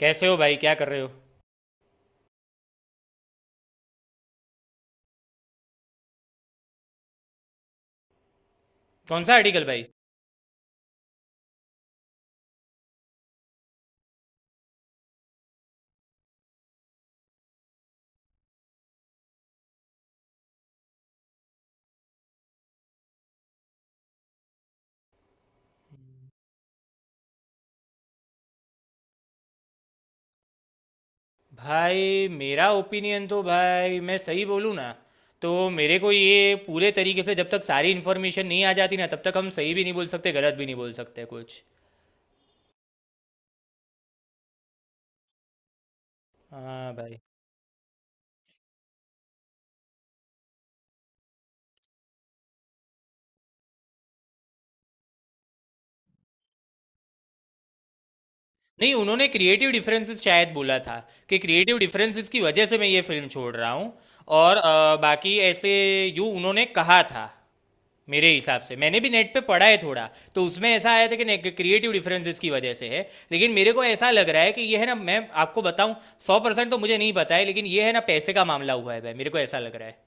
कैसे हो भाई? क्या कर रहे हो? कौन सा आर्टिकल भाई? भाई मेरा ओपिनियन तो, भाई मैं सही बोलूँ ना, तो मेरे को ये पूरे तरीके से, जब तक सारी इन्फॉर्मेशन नहीं आ जाती ना, तब तक हम सही भी नहीं बोल सकते, गलत भी नहीं बोल सकते कुछ। हाँ भाई। नहीं, उन्होंने क्रिएटिव डिफरेंसेस शायद बोला था कि क्रिएटिव डिफरेंसेस की वजह से मैं ये फिल्म छोड़ रहा हूँ। और बाकी ऐसे यूँ उन्होंने कहा था। मेरे हिसाब से मैंने भी नेट पे पढ़ा है थोड़ा। तो उसमें ऐसा आया था कि क्रिएटिव डिफरेंसेस की वजह से है, लेकिन मेरे को ऐसा लग रहा है कि ये है ना, मैं आपको बताऊं, 100% तो मुझे नहीं पता है, लेकिन ये है ना, पैसे का मामला हुआ है भाई, मेरे को ऐसा लग रहा है।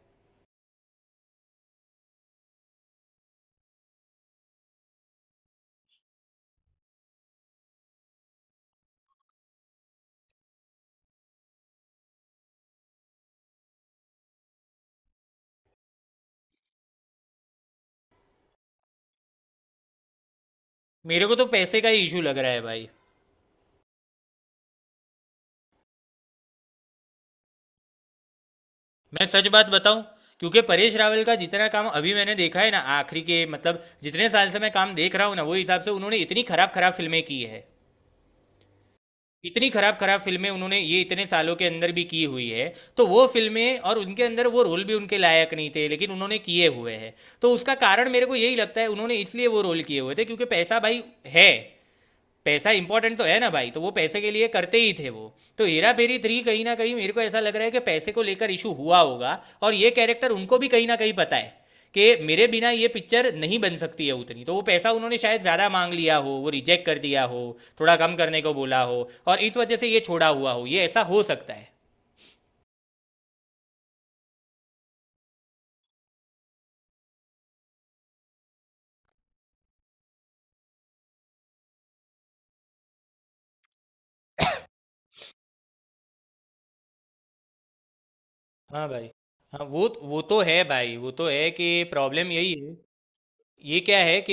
मेरे को तो पैसे का ही इशू लग रहा है भाई। मैं सच बात बताऊं। क्योंकि परेश रावल का जितना काम अभी मैंने देखा है ना, आखिरी के मतलब जितने साल से मैं काम देख रहा हूँ ना, वो हिसाब से उन्होंने इतनी खराब खराब फिल्में की है। इतनी खराब खराब फिल्में उन्होंने ये इतने सालों के अंदर भी की हुई है। तो वो फिल्में और उनके अंदर वो रोल भी उनके लायक नहीं थे, लेकिन उन्होंने किए हुए हैं। तो उसका कारण मेरे को यही लगता है, उन्होंने इसलिए वो रोल किए हुए थे क्योंकि पैसा भाई है। पैसा इंपॉर्टेंट तो है ना भाई, तो वो पैसे के लिए करते ही थे वो। तो हेरा फेरी थ्री कहीं ना कहीं मेरे को ऐसा लग रहा है कि पैसे को लेकर इशू हुआ होगा। और ये कैरेक्टर उनको भी कहीं ना कहीं पता है कि मेरे बिना ये पिक्चर नहीं बन सकती है उतनी, तो वो पैसा उन्होंने शायद ज़्यादा मांग लिया हो, वो रिजेक्ट कर दिया हो, थोड़ा कम करने को बोला हो और इस वजह से ये छोड़ा हुआ हो, ये ऐसा हो सकता है। हाँ भाई। हाँ वो तो है भाई, वो तो है कि प्रॉब्लम यही है। ये क्या है कि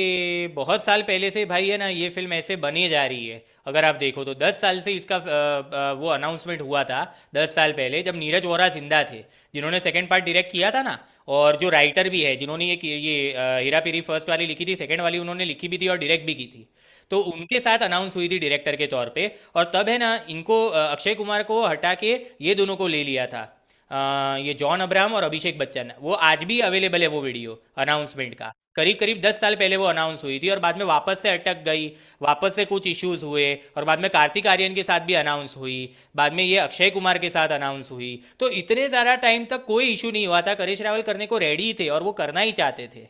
बहुत साल पहले से भाई, है ना, ये फिल्म ऐसे बनी जा रही है, अगर आप देखो तो 10 साल से इसका वो अनाउंसमेंट हुआ था। 10 साल पहले जब नीरज वोरा जिंदा थे, जिन्होंने सेकंड पार्ट डायरेक्ट किया था ना, और जो राइटर भी है जिन्होंने ये हेरा फेरी फर्स्ट वाली लिखी थी, सेकंड वाली उन्होंने लिखी भी थी और डायरेक्ट भी की थी। तो उनके साथ अनाउंस हुई थी डायरेक्टर के तौर पे, और तब है ना इनको अक्षय कुमार को हटा के ये दोनों को ले लिया था। ये जॉन अब्राहम और अभिषेक बच्चन, वो आज भी अवेलेबल है वो वीडियो। अनाउंसमेंट का करीब करीब 10 साल पहले वो अनाउंस हुई थी और बाद में वापस से अटक गई। वापस से कुछ इश्यूज हुए। और बाद में कार्तिक आर्यन के साथ भी अनाउंस हुई। बाद में ये अक्षय कुमार के साथ अनाउंस हुई। तो इतने ज़्यादा टाइम तक कोई इशू नहीं हुआ था, करेश रावल करने को रेडी थे और वो करना ही चाहते थे।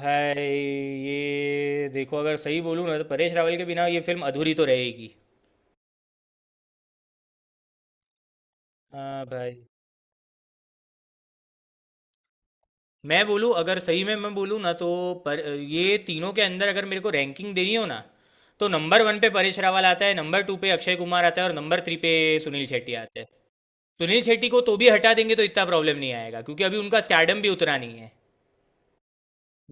भाई ये देखो, अगर सही बोलूँ ना, तो परेश रावल के बिना ये फिल्म अधूरी तो रहेगी। हाँ भाई। मैं बोलूँ, अगर सही में मैं बोलूँ ना तो, पर ये तीनों के अंदर अगर मेरे को रैंकिंग देनी हो ना, तो नंबर 1 पे परेश रावल आता है, नंबर 2 पे अक्षय कुमार आता है और नंबर 3 पे सुनील शेट्टी आते हैं। सुनील शेट्टी को तो भी हटा देंगे तो इतना प्रॉब्लम नहीं आएगा, क्योंकि अभी उनका स्टारडम भी उतना नहीं है।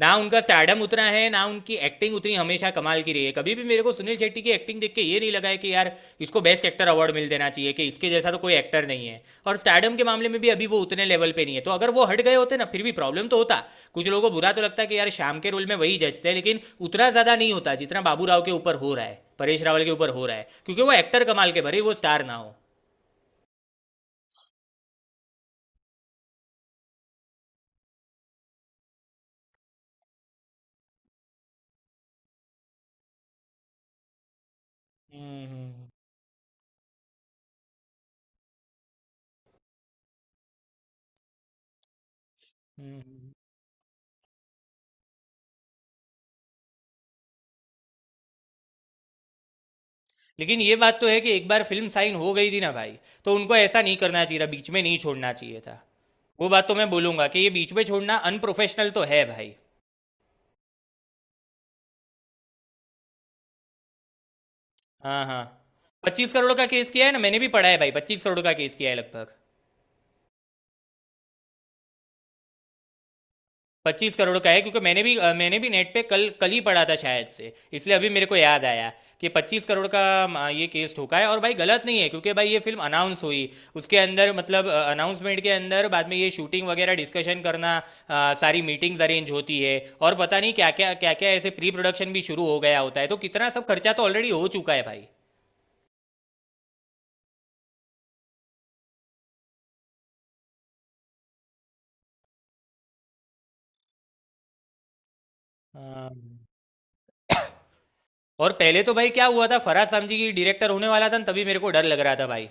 ना उनका स्टारडम उतना है, ना उनकी एक्टिंग उतनी हमेशा कमाल की रही है। कभी भी मेरे को सुनील शेट्टी की एक्टिंग देख के ये नहीं लगा है कि यार इसको बेस्ट एक्टर अवार्ड मिल देना चाहिए, कि इसके जैसा तो कोई एक्टर नहीं है। और स्टारडम के मामले में भी अभी वो उतने लेवल पे नहीं है, तो अगर वो हट गए होते ना, फिर भी प्रॉब्लम तो होता। कुछ लोगों को बुरा तो लगता है कि यार शाम के रोल में वही जचते हैं, लेकिन उतना ज़्यादा नहीं होता जितना बाबू राव के ऊपर हो रहा है, परेश रावल के ऊपर हो रहा है, क्योंकि वो एक्टर कमाल के भरे, वो स्टार ना हो। हम्म हम्म, हम्म, हम्म। लेकिन ये बात तो है कि एक बार फिल्म साइन हो गई थी ना भाई, तो उनको ऐसा नहीं करना चाहिए था, बीच में नहीं छोड़ना चाहिए था। वो बात तो मैं बोलूंगा कि ये बीच में छोड़ना अनप्रोफेशनल तो है भाई। हाँ हाँ। 25 करोड़ का केस किया है ना, मैंने भी पढ़ा है भाई, 25 करोड़ का केस किया है लगभग। 25 करोड़ का है क्योंकि मैंने भी मैंने भी नेट पे कल कल ही पढ़ा था शायद से, इसलिए अभी मेरे को याद आया कि 25 करोड़ का ये केस ठोका है। और भाई गलत नहीं है क्योंकि भाई ये फिल्म अनाउंस हुई, उसके अंदर मतलब अनाउंसमेंट के अंदर बाद में ये शूटिंग वगैरह डिस्कशन करना, सारी मीटिंग्स अरेंज होती है। और पता नहीं क्या क्या क्या क्या ऐसे प्री प्रोडक्शन भी शुरू हो गया होता है, तो कितना सब खर्चा तो ऑलरेडी हो चुका है भाई। हाँ। और पहले तो भाई क्या हुआ था, फराज सामजी की डायरेक्टर होने वाला था न, तभी मेरे को डर लग रहा था भाई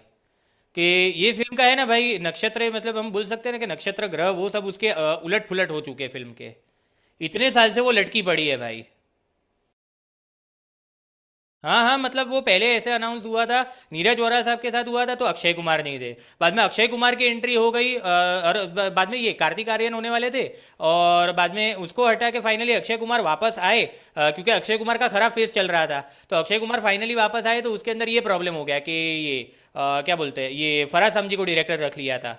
कि ये फिल्म का है ना भाई नक्षत्र, मतलब हम बोल सकते हैं ना कि नक्षत्र ग्रह वो सब उसके उलट पुलट हो चुके हैं फिल्म के। इतने साल से वो लटकी पड़ी है भाई। हाँ हाँ, मतलब वो पहले ऐसे अनाउंस हुआ था नीरज वोरा साहब के साथ, हुआ था तो अक्षय कुमार नहीं थे। बाद में अक्षय कुमार की एंट्री हो गई, और बाद में ये कार्तिक आर्यन होने वाले थे। और बाद में उसको हटा के फाइनली अक्षय कुमार वापस आए, क्योंकि अक्षय कुमार का खराब फेस चल रहा था। तो अक्षय कुमार फाइनली वापस आए, तो उसके अंदर ये प्रॉब्लम हो गया कि ये क्या बोलते हैं, ये फराज समजी को डायरेक्टर रख लिया था।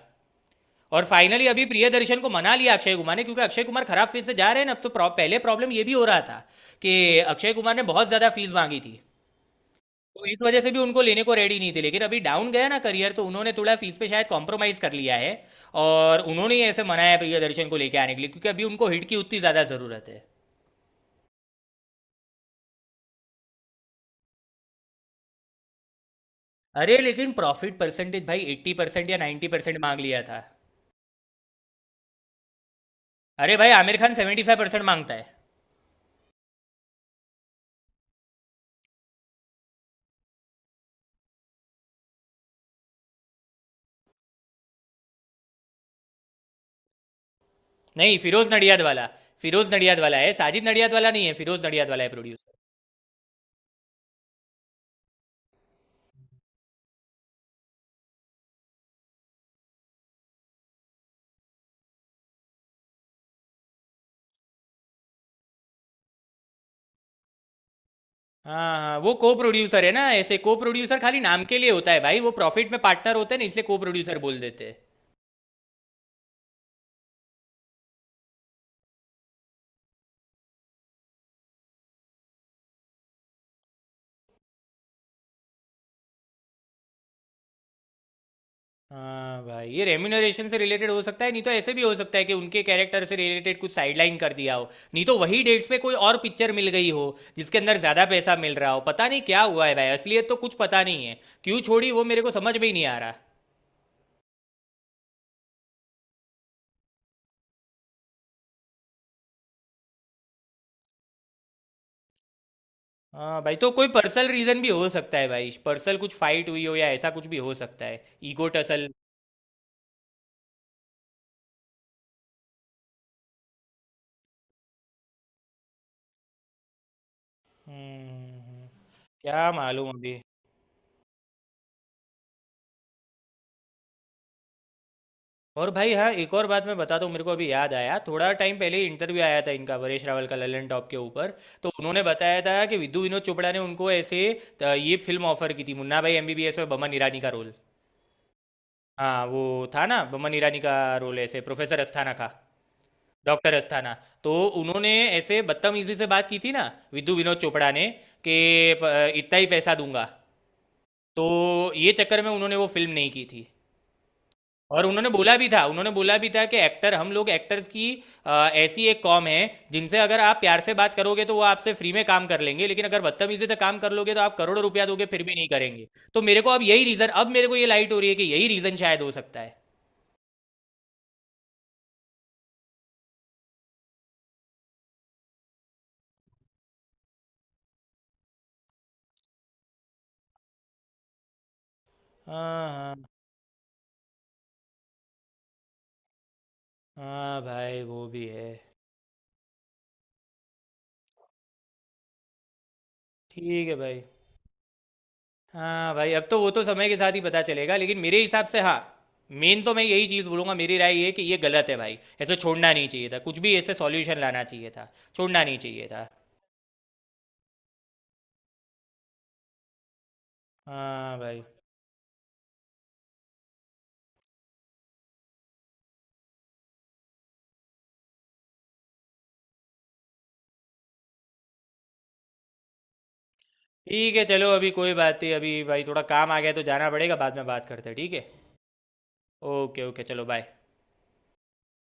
और फाइनली अभी प्रियदर्शन को मना लिया अक्षय कुमार ने, क्योंकि अक्षय कुमार खराब फीस से जा रहे हैं ना, अब तो पहले प्रॉब्लम ये भी हो रहा था कि अक्षय कुमार ने बहुत ज्यादा फीस मांगी थी। तो इस वजह से भी उनको लेने को रेडी नहीं थे, लेकिन अभी डाउन गया ना करियर, तो उन्होंने थोड़ा फीस पे शायद कॉम्प्रोमाइज कर लिया है। और उन्होंने ही ऐसे मनाया प्रियदर्शन को लेके आने के लिए, क्योंकि अभी उनको हिट की उतनी ज्यादा जरूरत है। अरे लेकिन प्रॉफिट परसेंटेज भाई 80% या 90% मांग लिया था। अरे भाई आमिर खान 75% मांगता है। नहीं फिरोज नडियाद वाला। फिरोज नडियाद वाला है, साजिद नडियाद वाला नहीं है, फिरोज नडियाद वाला है प्रोड्यूसर। हाँ हाँ, वो को प्रोड्यूसर है ना, ऐसे को प्रोड्यूसर खाली नाम के लिए होता है भाई, वो प्रॉफिट में पार्टनर होते हैं ना, इसलिए को प्रोड्यूसर बोल देते हैं। हाँ भाई ये रेम्यूनरेशन से रिलेटेड हो सकता है, नहीं तो ऐसे भी हो सकता है कि उनके कैरेक्टर से रिलेटेड कुछ साइडलाइन कर दिया हो। नहीं तो वही डेट्स पे कोई और पिक्चर मिल गई हो जिसके अंदर ज़्यादा पैसा मिल रहा हो, पता नहीं क्या हुआ है भाई, असलियत तो कुछ पता नहीं है। क्यों छोड़ी वो मेरे को समझ में ही नहीं आ रहा। हाँ भाई, तो कोई पर्सनल रीज़न भी हो सकता है भाई, पर्सनल कुछ फाइट हुई हो या ऐसा कुछ भी हो सकता है, ego tussle. Hmm hmm, hmm. क्या मालूम अभी। और भाई हाँ, एक और बात मैं बताता हूँ, मेरे को अभी याद आया, थोड़ा टाइम पहले ही इंटरव्यू आया था इनका, वरेश रावल का, ललन टॉप के ऊपर। तो उन्होंने बताया था कि विद्यु विनोद चोपड़ा ने उनको ऐसे ये फिल्म ऑफर की थी, मुन्ना भाई एमबीबीएस में बमन ईरानी का रोल। हाँ वो था ना बमन ईरानी का रोल, ऐसे प्रोफेसर अस्थाना का। डॉक्टर अस्थाना। तो उन्होंने ऐसे बदतमीजी से बात की थी ना विद्यु विनोद चोपड़ा ने कि इतना ही पैसा दूंगा। तो ये चक्कर में उन्होंने वो फिल्म नहीं की थी। और उन्होंने बोला भी था, उन्होंने बोला भी था कि एक्टर हम लोग एक्टर्स की ऐसी एक कॉम है, जिनसे अगर आप प्यार से बात करोगे तो वो आपसे फ्री में काम कर लेंगे, लेकिन अगर बदतमीजी से काम कर लोगे तो आप करोड़ों रुपया दोगे फिर भी नहीं करेंगे। तो मेरे को अब यही रीजन, अब मेरे को ये लाइट हो रही है कि यही रीजन शायद हो सकता है। हाँ हाँ। हाँ भाई वो भी है। ठीक है भाई। हाँ भाई अब तो वो तो समय के साथ ही पता चलेगा, लेकिन मेरे हिसाब से हाँ, मेन तो मैं यही चीज़ बोलूंगा, मेरी राय ये है कि ये गलत है भाई, ऐसे छोड़ना नहीं चाहिए था, कुछ भी ऐसे सॉल्यूशन लाना चाहिए था, छोड़ना नहीं चाहिए था। हाँ भाई। ठीक है चलो, अभी कोई बात नहीं, अभी भाई थोड़ा काम आ गया है तो जाना पड़ेगा, बाद में बात करते हैं ठीक है। ओके ओके चलो बाय।